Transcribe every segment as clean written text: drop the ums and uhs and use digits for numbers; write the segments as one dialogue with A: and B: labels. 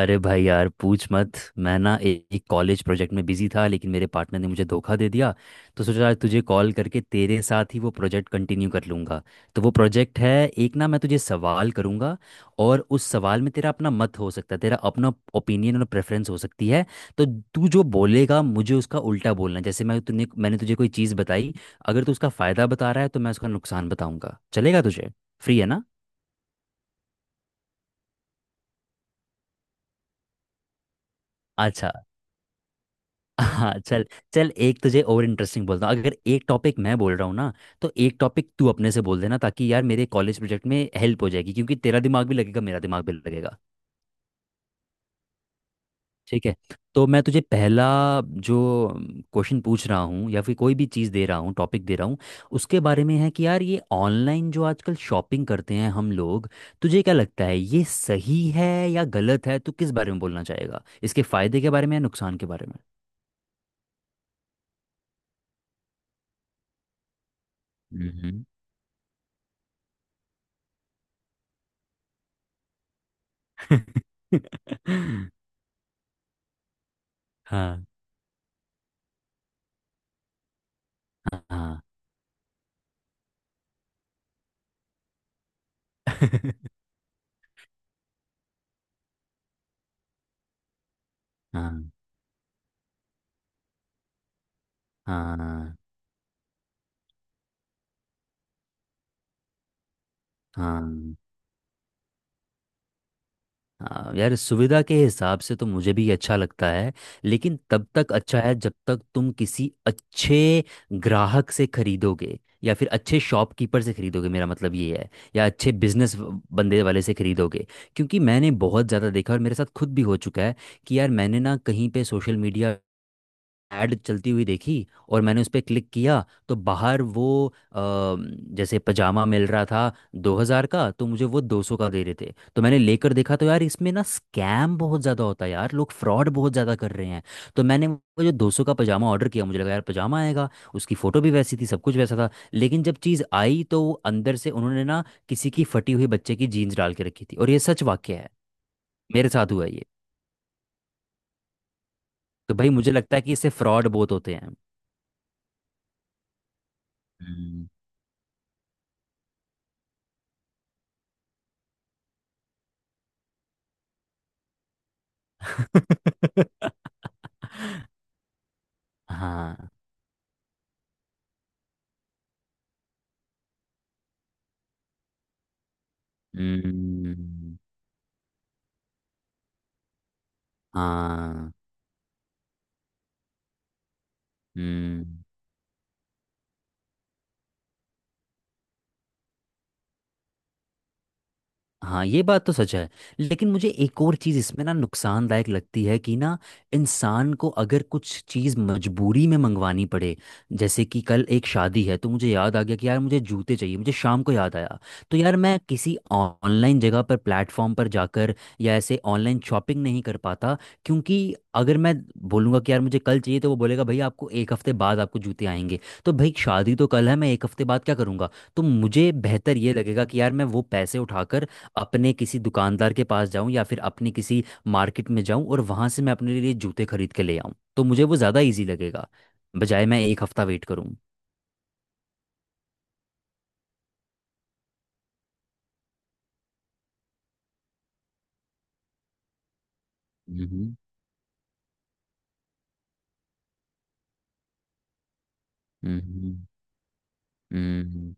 A: अरे भाई यार, पूछ मत। मैं ना एक कॉलेज प्रोजेक्ट में बिजी था लेकिन मेरे पार्टनर ने मुझे धोखा दे दिया। तो सोचा आज तुझे कॉल करके तेरे साथ ही वो प्रोजेक्ट कंटिन्यू कर लूँगा। तो वो प्रोजेक्ट है एक ना, मैं तुझे सवाल करूँगा। और उस सवाल में तेरा अपना मत हो सकता है, तेरा अपना ओपिनियन और प्रेफरेंस हो सकती है। तो तू जो बोलेगा मुझे उसका उल्टा बोलना है। जैसे मैंने तुझे कोई चीज़ बताई, अगर तू उसका फ़ायदा बता रहा है तो मैं उसका नुकसान बताऊँगा। चलेगा तुझे? फ्री है ना? अच्छा। हाँ, चल। चल, एक तुझे और इंटरेस्टिंग बोलता हूँ। अगर एक टॉपिक मैं बोल रहा हूँ ना, तो एक टॉपिक तू अपने से बोल देना, ताकि यार मेरे कॉलेज प्रोजेक्ट में हेल्प हो जाएगी, क्योंकि तेरा दिमाग भी लगेगा, मेरा दिमाग भी लगेगा। ठीक है। तो मैं तुझे पहला जो क्वेश्चन पूछ रहा हूँ, या फिर कोई भी चीज़ दे रहा हूँ, टॉपिक दे रहा हूँ, उसके बारे में है कि यार ये ऑनलाइन जो आजकल शॉपिंग करते हैं हम लोग, तुझे क्या लगता है, ये सही है या गलत है? तू किस बारे में बोलना चाहेगा, इसके फायदे के बारे में या नुकसान के बारे में? हम्म। हाँ। हाँ। हाँ। हाँ। हाँ। हाँ, यार सुविधा के हिसाब से तो मुझे भी ये अच्छा लगता है। लेकिन तब तक अच्छा है जब तक तुम किसी अच्छे ग्राहक से खरीदोगे, या फिर अच्छे शॉपकीपर से खरीदोगे। मेरा मतलब ये है, या अच्छे बिजनेस बंदे वाले से खरीदोगे। क्योंकि मैंने बहुत ज़्यादा देखा, और मेरे साथ खुद भी हो चुका है कि यार मैंने ना कहीं पे सोशल मीडिया ऐड चलती हुई देखी, और मैंने उस पर क्लिक किया तो बाहर वो अ, जैसे पजामा मिल रहा था 2000 का, तो मुझे वो 200 का दे रहे थे। तो मैंने लेकर देखा तो यार, इसमें ना स्कैम बहुत ज़्यादा होता है यार, लोग फ्रॉड बहुत ज़्यादा कर रहे हैं। तो मैंने वो जो 200 का पजामा ऑर्डर किया, मुझे लगा यार पजामा आएगा। उसकी फ़ोटो भी वैसी थी, सब कुछ वैसा था। लेकिन जब चीज़ आई तो वो अंदर से उन्होंने ना किसी की फटी हुई बच्चे की जीन्स डाल के रखी थी, और ये सच वाक्य है, मेरे साथ हुआ ये। तो भाई, मुझे लगता है कि इससे फ्रॉड बहुत होते हैं। हम्म। हाँ। हम्म। हाँ। हम्म। हाँ, ये बात तो सच है। लेकिन मुझे एक और चीज़ इसमें ना नुकसानदायक लगती है कि ना, इंसान को अगर कुछ चीज़ मजबूरी में मंगवानी पड़े। जैसे कि कल एक शादी है, तो मुझे याद आ गया कि यार मुझे जूते चाहिए, मुझे शाम को याद आया। तो यार मैं किसी ऑनलाइन जगह पर, प्लेटफॉर्म पर जाकर या ऐसे ऑनलाइन शॉपिंग नहीं कर पाता। क्योंकि अगर मैं बोलूँगा कि यार मुझे कल चाहिए, तो वो बोलेगा भाई आपको एक हफ्ते बाद आपको जूते आएंगे। तो भाई शादी तो कल है, मैं एक हफ्ते बाद क्या करूँगा? तो मुझे बेहतर ये लगेगा कि यार मैं वो पैसे उठाकर अपने किसी दुकानदार के पास जाऊं, या फिर अपने किसी मार्केट में जाऊं और वहां से मैं अपने लिए जूते खरीद के ले आऊं, तो मुझे वो ज़्यादा इजी लगेगा, बजाय मैं एक हफ्ता वेट करूं। हम्म। हम्म। हम्म।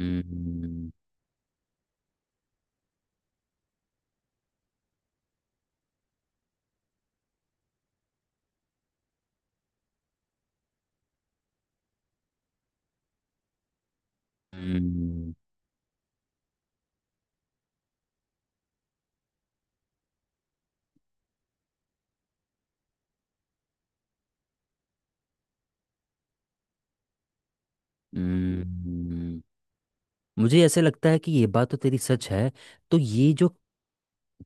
A: हम्म। हम्म। हम्म। मुझे ऐसे लगता है कि ये बात तो तेरी सच है। तो ये जो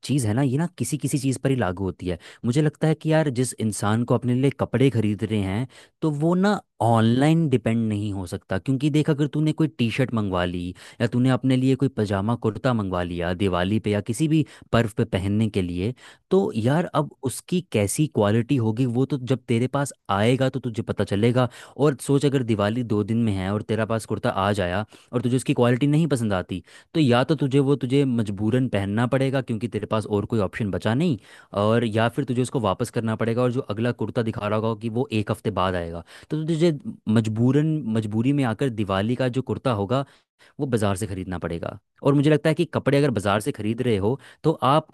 A: चीज़ है ना, ये ना किसी किसी चीज़ पर ही लागू होती है। मुझे लगता है कि यार जिस इंसान को अपने लिए कपड़े खरीद रहे हैं, तो वो ना ऑनलाइन डिपेंड नहीं हो सकता। क्योंकि देख, अगर तूने कोई टी शर्ट मंगवा ली, या तूने अपने लिए कोई पजामा कुर्ता मंगवा लिया दिवाली पे या किसी भी पर्व पे पहनने के लिए, तो यार अब उसकी कैसी क्वालिटी होगी, वो तो जब तेरे पास आएगा तो तुझे पता चलेगा। और सोच, अगर दिवाली दो दिन में है और तेरा पास कुर्ता आज आया, और तुझे उसकी क्वालिटी नहीं पसंद आती, तो या तो तुझे वो तुझे मजबूरन पहनना पड़ेगा क्योंकि तेरे पास और कोई ऑप्शन बचा नहीं, और या फिर तुझे उसको वापस करना पड़ेगा और जो अगला कुर्ता दिखा रहा होगा कि वो एक हफ्ते बाद आएगा। तो तुझे मजबूरन, मजबूरी में आकर दिवाली का जो कुर्ता होगा वो बाज़ार से खरीदना पड़ेगा। और मुझे लगता है कि कपड़े अगर बाज़ार से खरीद रहे हो, तो आप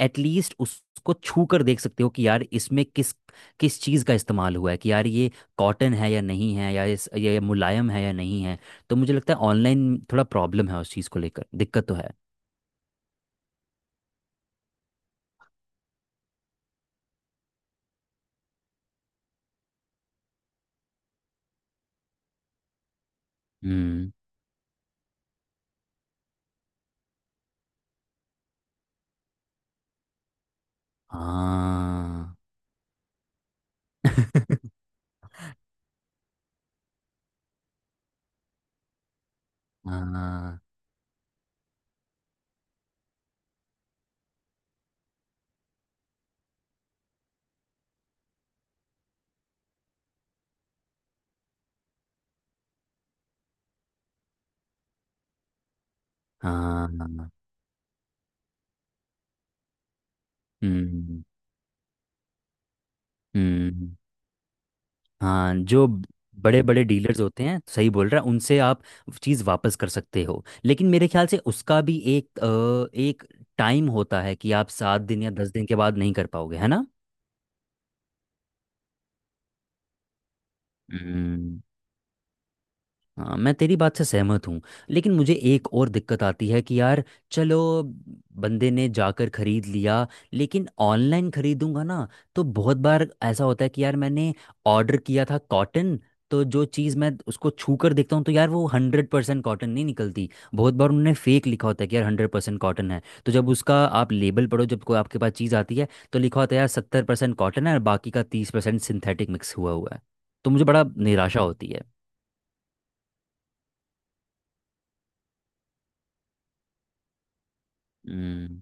A: एटलीस्ट उसको छू कर देख सकते हो कि यार इसमें किस किस चीज़ का इस्तेमाल हुआ है, कि यार ये कॉटन है या नहीं है, या इस ये मुलायम है या नहीं है। तो मुझे लगता है ऑनलाइन थोड़ा प्रॉब्लम है, उस चीज़ को लेकर दिक्कत तो है। हम्म। हाँ। हाँ। हाँ। हाँ। हम्म। हम्म। हाँ, जो बड़े बड़े डीलर्स होते हैं, सही बोल रहा है, उनसे आप चीज़ वापस कर सकते हो। लेकिन मेरे ख्याल से उसका भी एक एक टाइम होता है कि आप सात दिन या दस दिन के बाद नहीं कर पाओगे, है ना? हम्म। हाँ, मैं तेरी बात से सहमत हूँ। लेकिन मुझे एक और दिक्कत आती है कि यार, चलो बंदे ने जाकर खरीद लिया, लेकिन ऑनलाइन खरीदूंगा ना, तो बहुत बार ऐसा होता है कि यार मैंने ऑर्डर किया था कॉटन, तो जो चीज़ मैं उसको छू कर देखता हूँ तो यार वो हंड्रेड परसेंट कॉटन नहीं निकलती। बहुत बार उन्होंने फेक लिखा होता है कि यार हंड्रेड परसेंट कॉटन है, तो जब उसका आप लेबल पढ़ो, जब कोई आपके पास चीज़ आती है, तो लिखा होता है यार सत्तर परसेंट कॉटन है और बाकी का तीस परसेंट सिंथेटिक मिक्स हुआ हुआ है। तो मुझे बड़ा निराशा होती है।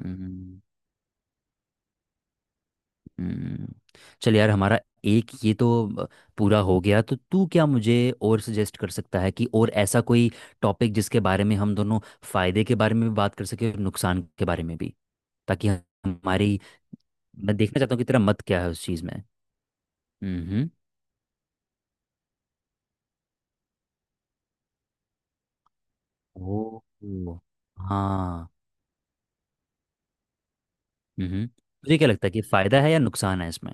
A: हम्म। हम्म। चल यार, हमारा एक ये तो अ, पूरा हो गया। तो तू क्या मुझे और सजेस्ट कर सकता है कि और ऐसा कोई टॉपिक जिसके बारे में हम दोनों फायदे के बारे में भी बात कर सके और नुकसान के बारे में भी, ताकि हमारी। मैं देखना चाहता हूँ कि तेरा मत क्या है उस चीज़ में। हम्म। ओ। ओ। हाँ। हम्म, तुझे क्या लगता है कि फायदा है या नुकसान है इसमें?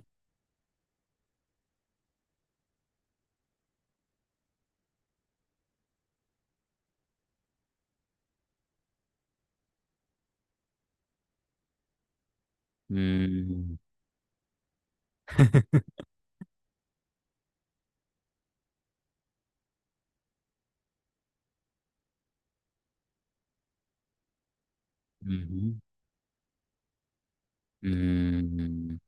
A: हम्म। हम्म। हम्म।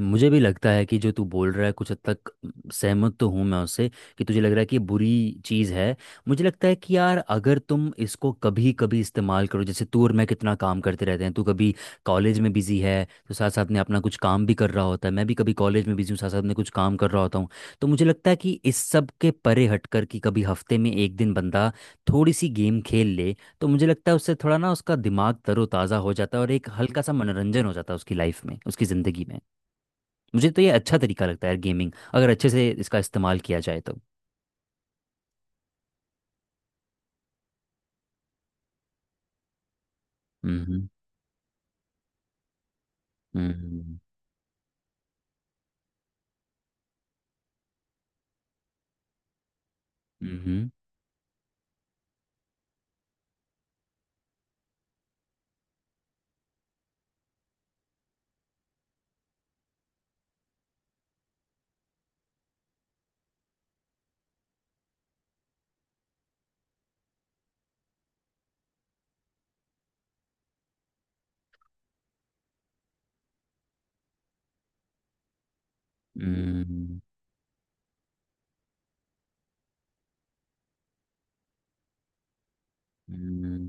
A: मुझे भी लगता है कि जो तू बोल रहा है, कुछ हद तक सहमत तो हूँ मैं उससे, कि तुझे लग रहा है कि ये बुरी चीज़ है। मुझे लगता है कि यार अगर तुम इसको कभी कभी इस्तेमाल करो, जैसे तू और मैं कितना काम करते रहते हैं, तू कभी कॉलेज में बिजी है तो साथ साथ में अपना कुछ काम भी कर रहा होता है, मैं भी कभी कॉलेज में बिजी हूँ, साथ साथ में कुछ काम कर रहा होता हूँ। तो मुझे लगता है कि इस सब के परे हट कर, कि कभी हफ्ते में एक दिन बंदा थोड़ी सी गेम खेल ले, तो मुझे लगता है उससे थोड़ा ना उसका दिमाग तरोताज़ा हो जाता है और एक हल्का सा मनोरंजन हो जाता है उसकी लाइफ में, उसकी ज़िंदगी में। मुझे तो ये अच्छा तरीका लगता है यार, गेमिंग अगर अच्छे से इसका इस्तेमाल किया जाए तो। हम्म। हम्म। हम्म। हम्म। हम्म।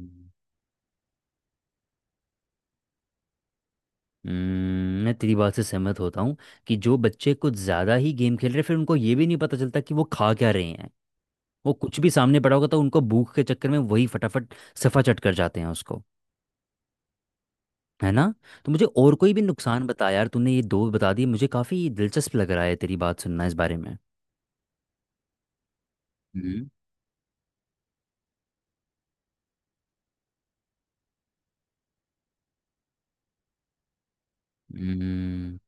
A: मैं तेरी बात से सहमत होता हूँ कि जो बच्चे कुछ ज़्यादा ही गेम खेल रहे हैं, फिर उनको ये भी नहीं पता चलता कि वो खा क्या रहे हैं। वो कुछ भी सामने पड़ा होगा तो उनको भूख के चक्कर में वही फटाफट सफा चट कर जाते हैं उसको। है ना? तो मुझे और कोई भी नुकसान बता यार, तूने ये दो बता दिए, मुझे काफ़ी दिलचस्प लग रहा है तेरी बात सुनना इस बारे में। हम्म। हम्म।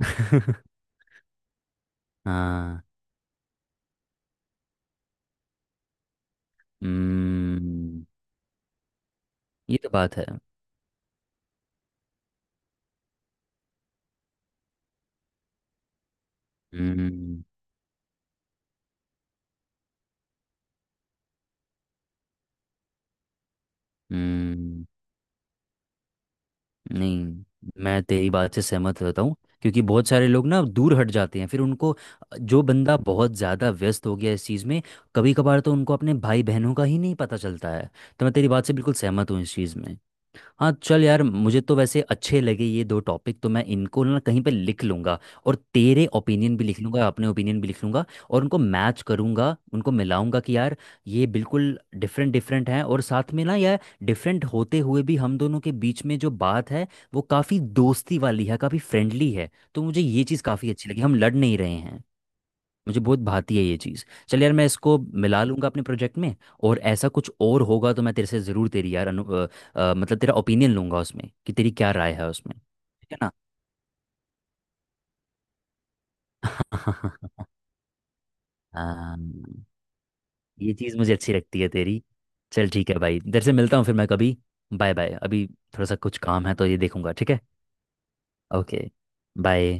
A: हाँ। हम्म। ये तो बात है। हम्म। हम्म। नहीं, मैं तेरी बात से सहमत रहता हूँ, क्योंकि बहुत सारे लोग ना दूर हट जाते हैं, फिर उनको, जो बंदा बहुत ज़्यादा व्यस्त हो गया इस चीज़ में, कभी कभार तो उनको अपने भाई बहनों का ही नहीं पता चलता है। तो मैं तेरी बात से बिल्कुल सहमत हूँ इस चीज़ में। हाँ, चल यार, मुझे तो वैसे अच्छे लगे ये दो टॉपिक, तो मैं इनको ना कहीं पे लिख लूंगा। और तेरे ओपिनियन भी लिख लूंगा, अपने ओपिनियन भी लिख लूंगा, और उनको मैच करूंगा, उनको मिलाऊंगा, कि यार ये बिल्कुल डिफरेंट डिफरेंट हैं, और साथ में ना यार, डिफरेंट होते हुए भी हम दोनों के बीच में जो बात है, वो काफ़ी दोस्ती वाली है, काफ़ी फ्रेंडली है। तो मुझे ये चीज़ काफ़ी अच्छी लगी, हम लड़ नहीं रहे हैं। मुझे बहुत भाती है ये चीज़। चल यार, मैं इसको मिला लूंगा अपने प्रोजेक्ट में। और ऐसा कुछ और होगा तो मैं तेरे से ज़रूर तेरी यार मतलब तेरा ओपिनियन लूंगा उसमें, कि तेरी क्या राय है उसमें, ठीक है ना? हाँ, ये चीज़ मुझे अच्छी लगती है तेरी। चल ठीक है भाई, तेरे से मिलता हूँ फिर मैं कभी। बाय बाय अभी, थोड़ा सा कुछ काम है तो ये देखूंगा, ठीक है। ओके। बाय।